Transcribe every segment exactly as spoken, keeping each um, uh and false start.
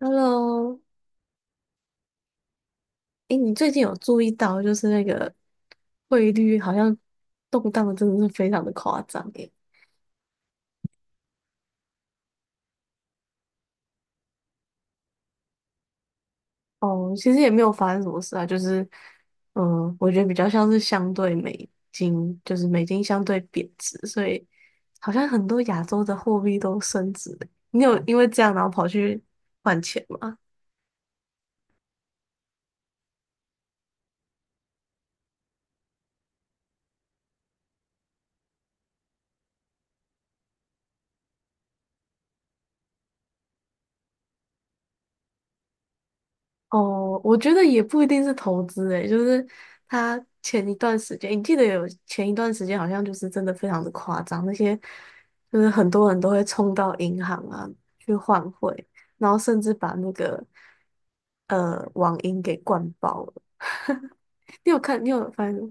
Hello，哎，你最近有注意到就是那个汇率好像动荡的真的是非常的夸张诶。哦，其实也没有发生什么事啊，就是嗯，我觉得比较像是相对美金，就是美金相对贬值，所以好像很多亚洲的货币都升值了。你有因为这样然后跑去换钱吗？哦，我觉得也不一定是投资诶，就是他前一段时间，你记得有前一段时间好像就是真的非常的夸张，那些就是很多人都会冲到银行啊去换汇，然后甚至把那个呃网银给灌爆了。你有看？你有发现吗？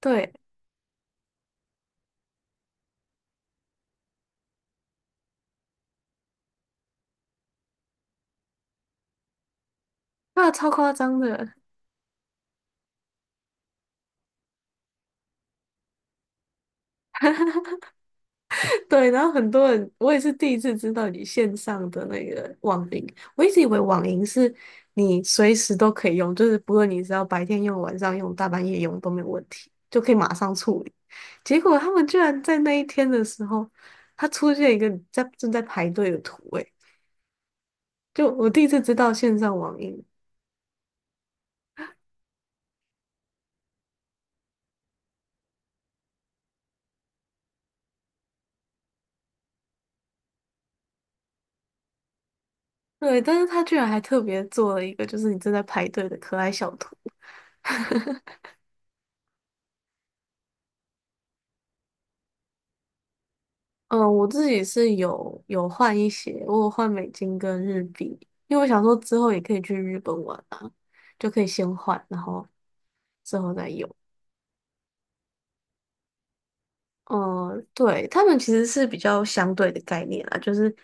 对，那超夸张的。对，然后很多人，我也是第一次知道你线上的那个网银，我一直以为网银是你随时都可以用，就是不论你是要白天用、晚上用、大半夜用都没有问题，就可以马上处理。结果他们居然在那一天的时候，他出现一个在正在排队的图，诶，就我第一次知道线上网银，对，但是他居然还特别做了一个，就是你正在排队的可爱小图。嗯，我自己是有有换一些，我有换美金跟日币，因为我想说之后也可以去日本玩啊，就可以先换，然后之后再用。嗯，对，他们其实是比较相对的概念啦，就是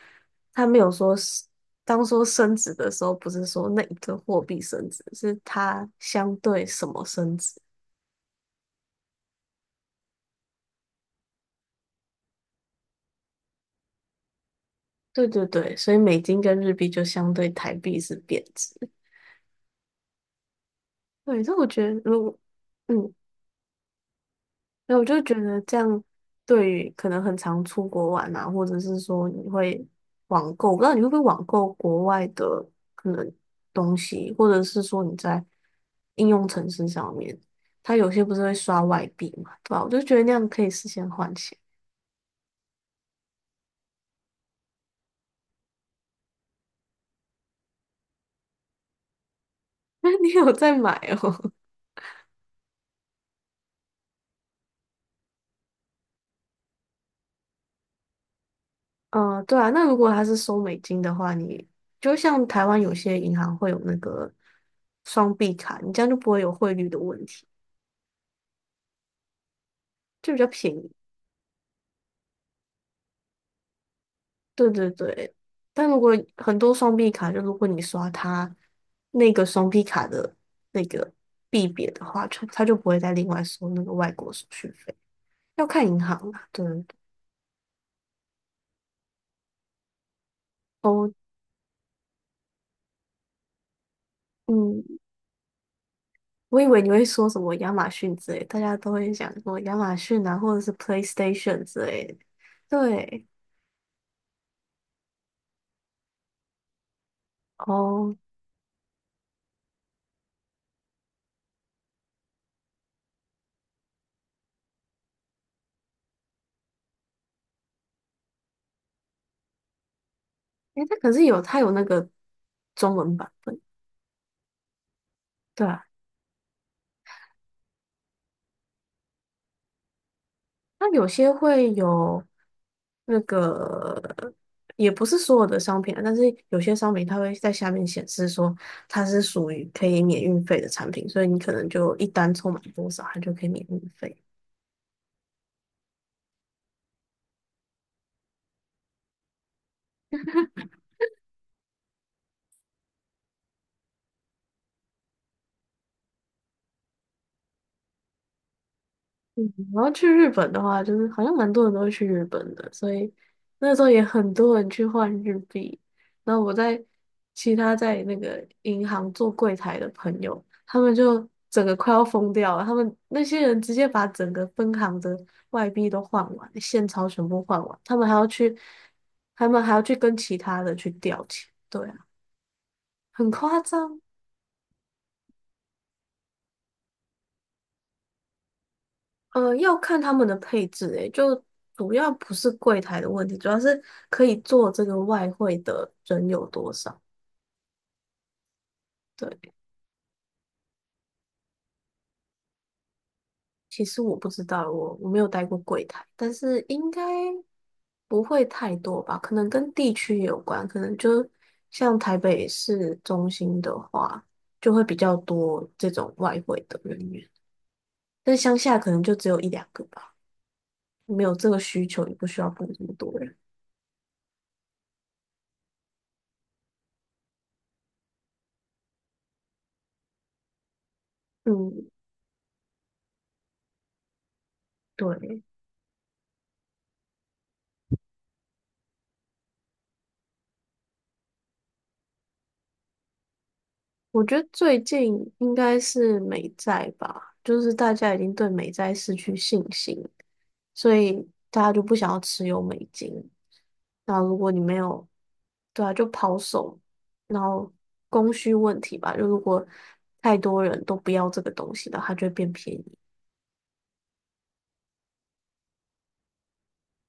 他没有说是当说升值的时候，不是说那一个货币升值，是它相对什么升值。对对对，所以美金跟日币就相对台币是贬值。对，所我觉得如果。嗯。那我就觉得这样，对于可能很常出国玩啊，或者是说你会网购，我不知道你会不会网购国外的可能东西，或者是说你在应用程式上面，它有些不是会刷外币嘛，对吧？我就觉得那样可以事先换钱。那你有在买哦？嗯，对啊。那如果它是收美金的话，你就像台湾有些银行会有那个双币卡，你这样就不会有汇率的问题，就比较便宜。对对对，但如果很多双币卡，就如果你刷它那个双币卡的那个币别的话，就它就不会再另外收那个外国手续费，要看银行啦。对对对，哦，嗯，我以为你会说什么亚马逊之类，大家都会想说亚马逊啊，或者是 PlayStation 之类的。对，哦，诶，它可是有它有那个中文版本，对啊。那有些会有那个，也不是所有的商品啊，但是有些商品它会在下面显示说它是属于可以免运费的产品，所以你可能就一单凑满多少，它就可以免运费。嗯，然后去日本的话，就是好像蛮多人都会去日本的，所以那时候也很多人去换日币。然后我在其他在那个银行做柜台的朋友，他们就整个快要疯掉了。他们那些人直接把整个分行的外币都换完，现钞全部换完，他们还要去，他们还要去跟其他的去调钱，对啊，很夸张。呃，要看他们的配置，诶，就主要不是柜台的问题，主要是可以做这个外汇的人有多少。对，其实我不知道，我我没有待过柜台，但是应该不会太多吧？可能跟地区有关，可能就像台北市中心的话，就会比较多这种外汇的人员，但乡下可能就只有一两个吧，没有这个需求，也不需要雇这么多人。嗯，对。我觉得最近应该是美债吧，就是大家已经对美债失去信心，所以大家就不想要持有美金。那如果你没有，对啊，就抛售，然后供需问题吧，就如果太多人都不要这个东西了，它就会变便宜。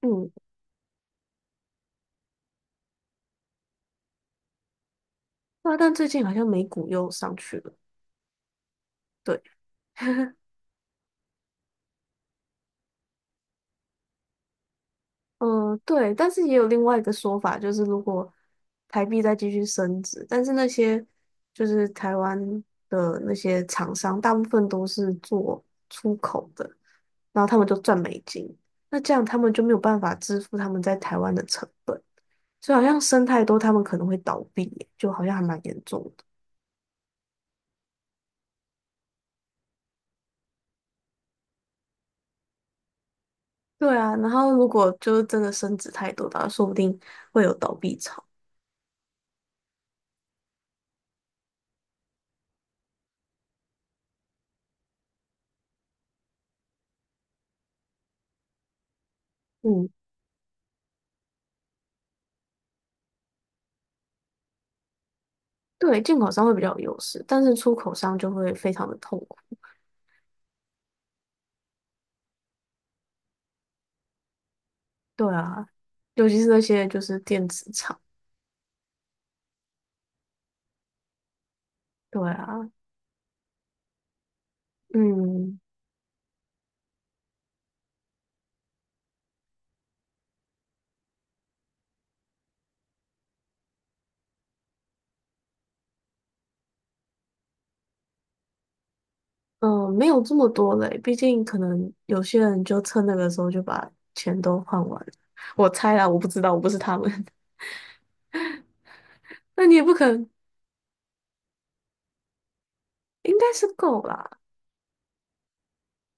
嗯，那但最近好像美股又上去了，对，嗯，对，但是也有另外一个说法，就是如果台币再继续升值，但是那些就是台湾的那些厂商，大部分都是做出口的，然后他们就赚美金，那这样他们就没有办法支付他们在台湾的成本，所以好像升太多，他们可能会倒闭耶就好像还蛮严重的。对啊，然后如果就是真的升值太多的话，说不定会有倒闭潮。嗯，对，进口商会比较有优势，但是出口商就会非常的痛苦。对啊，尤其是那些就是电子厂，对啊，嗯嗯，呃没有这么多嘞，毕竟可能有些人就趁那个时候就把钱都换完了，我猜啦，我不知道，我不是他们，那你也不可能，应该是够啦，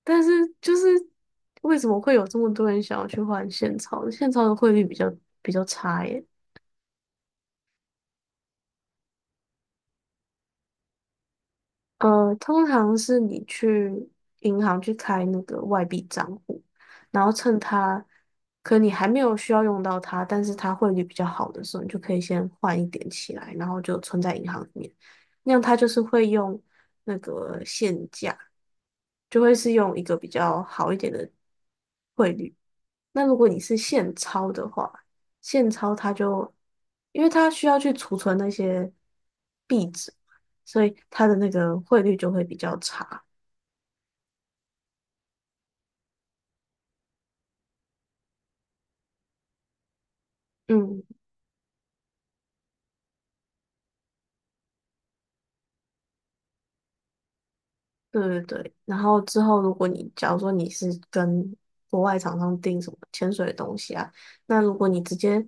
但是就是为什么会有这么多人想要去换现钞？现钞的汇率比较比较差耶，呃，通常是你去银行去开那个外币账户，然后趁它，可你还没有需要用到它，但是它汇率比较好的时候，你就可以先换一点起来，然后就存在银行里面，那样它就是会用那个现价。就会是用一个比较好一点的汇率。那如果你是现钞的话，现钞它就，因为它需要去储存那些币值，所以它的那个汇率就会比较差。嗯。对对对，然后之后，如果你假如说你是跟国外厂商订什么潜水的东西啊，那如果你直接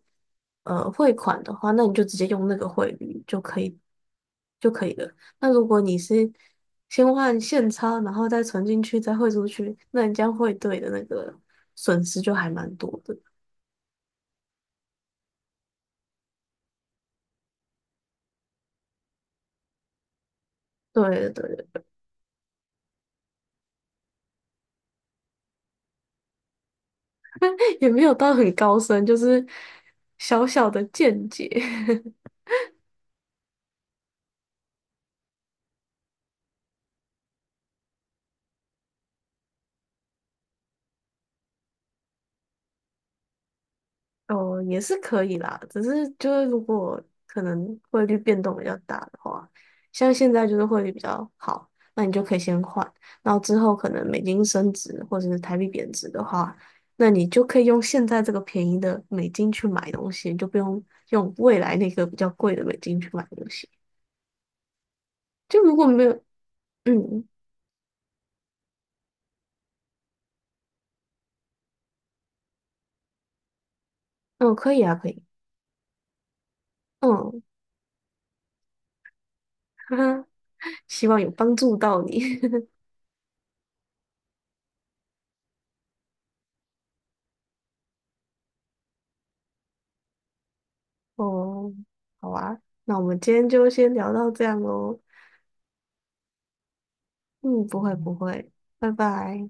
呃汇款的话，那你就直接用那个汇率就可以就可以了。那如果你是先换现钞，然后再存进去，再汇出去，那你这样汇兑的那个损失就还蛮多的。对对对，也没有到很高深，就是小小的见解。哦，也是可以啦，只是就是如果可能汇率变动比较大的话，像现在就是汇率比较好，那你就可以先换，然后之后可能美金升值或者是台币贬值的话，那你就可以用现在这个便宜的美金去买东西，你就不用用未来那个比较贵的美金去买东西。就如果没有，嗯嗯，可以啊，可以，嗯，哈哈，希望有帮助到你。哦，好啊，那我们今天就先聊到这样喽。嗯，不会不会，拜拜。